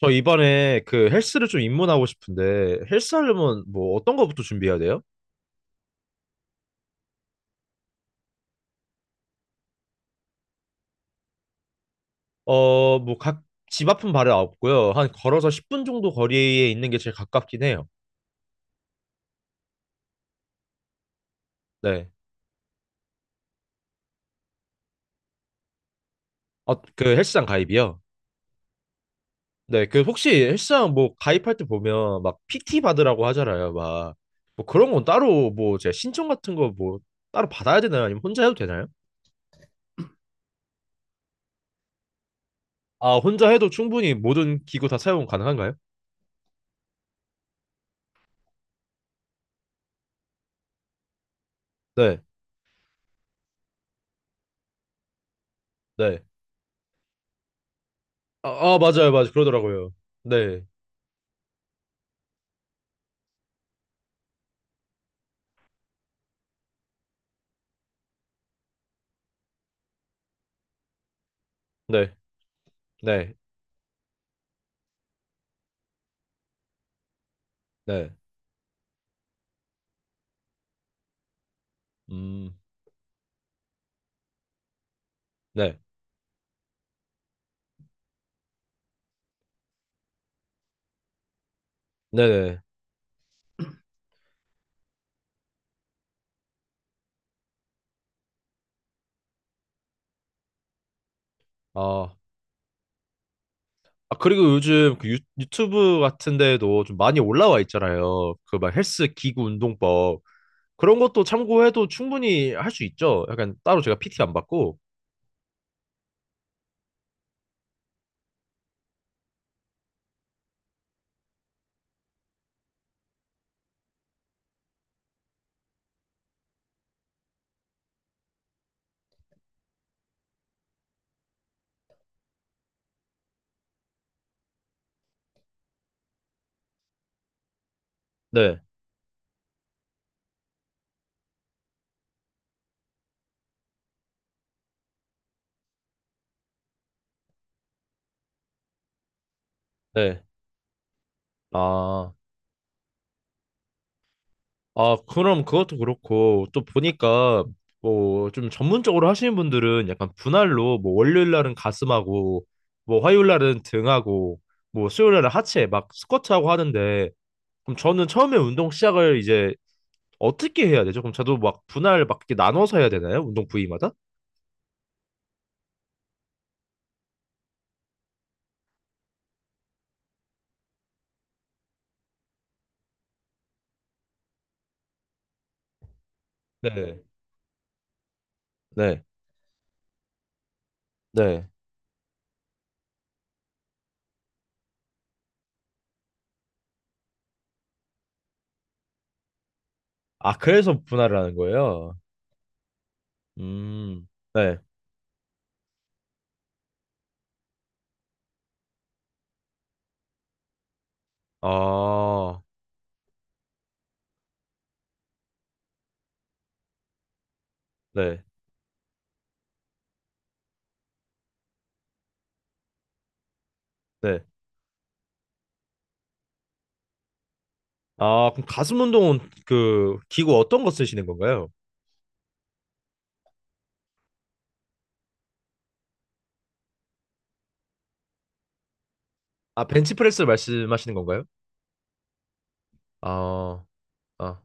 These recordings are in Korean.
저 이번에 그 헬스를 좀 입문하고 싶은데 헬스 하려면 뭐 어떤 거부터 준비해야 돼요? 어, 뭐 각 집 앞은 바로 없고요. 한 걸어서 10분 정도 거리에 있는 게 제일 가깝긴 해요. 네. 어, 그 헬스장 가입이요? 네. 그 혹시 헬스장 뭐 가입할 때 보면 막 PT 받으라고 하잖아요. 막 뭐 그런 건 따로 뭐 제가 신청 같은 거 뭐 따로 받아야 되나요? 아니면 혼자 해도 되나요? 아, 혼자 해도 충분히 모든 기구 다 사용 가능한가요? 네. 네. 아, 아 맞아요. 맞아요. 그러더라고요. 네. 네. 네, 네, 음, 네, 네네. 아, 아 그리고 요즘 그 유, 유튜브 같은 데에도 좀 많이 올라와 있잖아요. 그 막 헬스 기구 운동법 그런 것도 참고해도 충분히 할 수 있죠. 약간 따로 제가 PT 안 받고. 네, 네. 아, 아 그럼 그것도 그렇고 또 보니까 뭐 좀 전문적으로 하시는 분들은 약간 분할로 뭐 월요일 날은 가슴하고 뭐 화요일 날은 등하고 뭐 수요일 날은 하체 막 스쿼트하고 하는데. 그럼 저는 처음에 운동 시작을 이제 어떻게 해야 되죠? 그럼 저도 막 분할 막 이렇게 나눠서 해야 되나요? 운동 부위마다? 네. 네, 네. 아, 그래서 분할을 하는 거예요? 음, 네. 아, 네, 네. 아, 그럼 가슴 운동은 그 기구 어떤 거 쓰시는 건가요? 아, 벤치프레스 말씀하시는 건가요? 아, 아,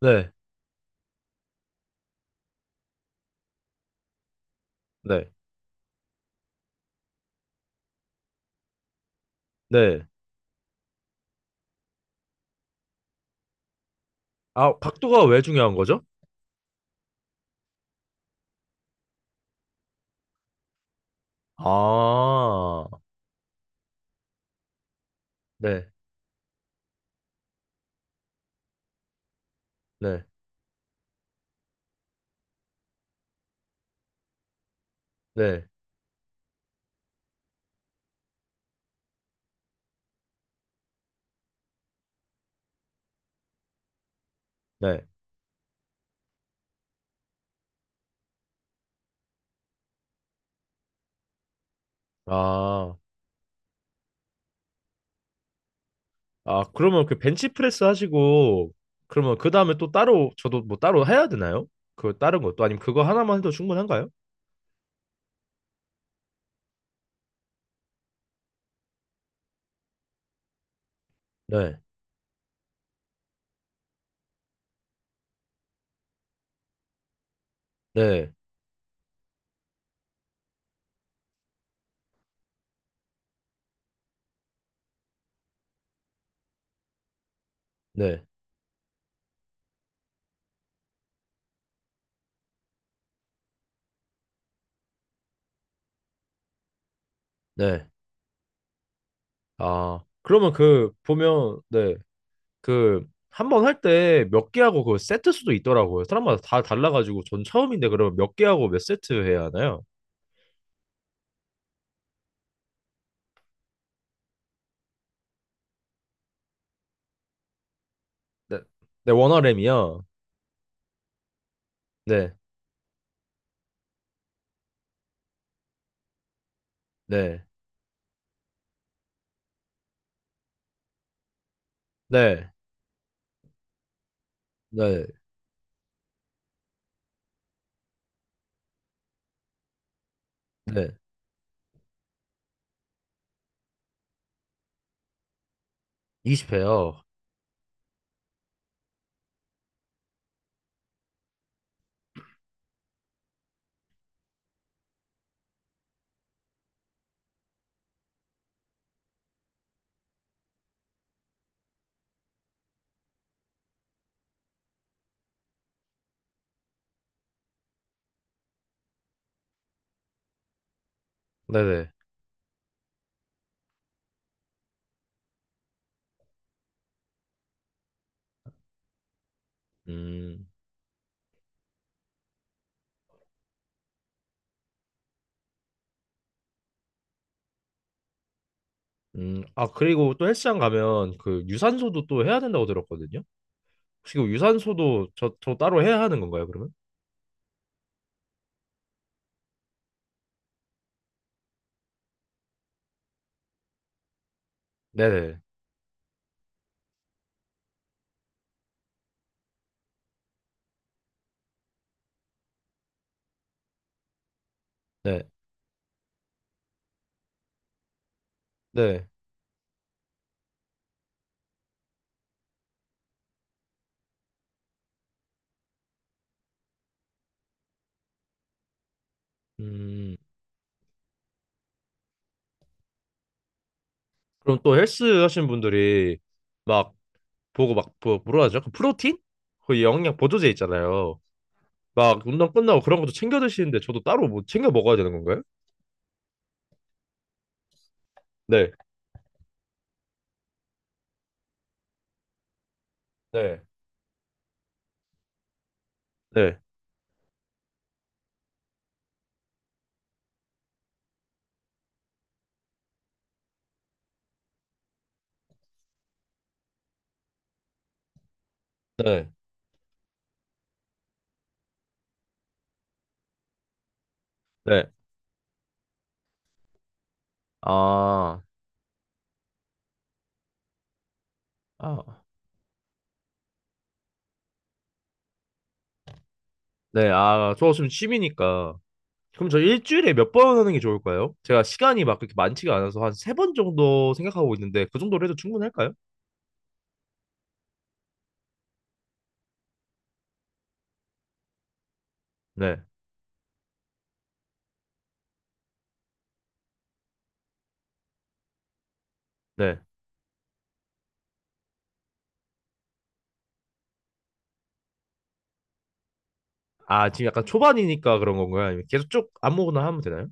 네, 네, 네. 아, 각도가 왜 중요한 거죠? 아, 네, 네, 네, 네. 아, 아, 그러면 그 벤치프레스 하시고, 그러면 그 다음에 또 따로, 저도 뭐 따로 해야 되나요? 그 다른 것도, 아니면 그거 하나만 해도 충분한가요? 네, 네, 네, 네. 아, 그러면 그, 보면, 네, 그, 한 번 할 때 몇 개 하고 그 세트 수도 있더라고요. 사람마다 다 달라가지고, 전 처음인데 그러면 몇 개 하고 몇 세트 해야 하나요? 네, 네, 원어램이요. 네, 네, 네, 네, 네. 20회요. 네네. 음. 아, 그리고 또 헬스장 가면 그 유산소도 또 해야 된다고 들었거든요. 혹시 그 유산소도 저, 저 따로 해야 하는 건가요, 그러면? 네네. 네. 네. 음, 그럼 또 헬스 하시는 분들이 막 보고 막 뭐라 하죠? 그 프로틴? 그 영양 보조제 있잖아요. 막 운동 끝나고 그런 것도 챙겨 드시는데 저도 따로 뭐 챙겨 먹어야 되는 건가요? 네. 네. 네. 네. 네. 아, 아. 네. 아, 저 지금 취미니까. 그럼 저 일주일에 몇 번 하는 게 좋을까요? 제가 시간이 막 그렇게 많지가 않아서 한 세 번 정도 생각하고 있는데 그 정도로 해도 충분할까요? 네, 네. 아, 지금 약간 초반이니까 그런 건가요? 아니면 계속 쭉 아무거나 하면 되나요?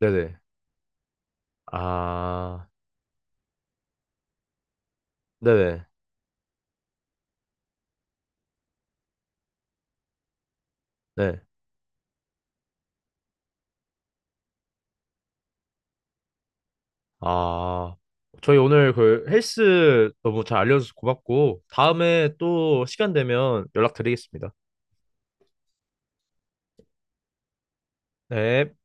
네네. 아, 네네. 네. 아, 저희 오늘 그 헬스 너무 잘 알려줘서 고맙고 다음에 또 시간 되면 연락드리겠습니다. 네.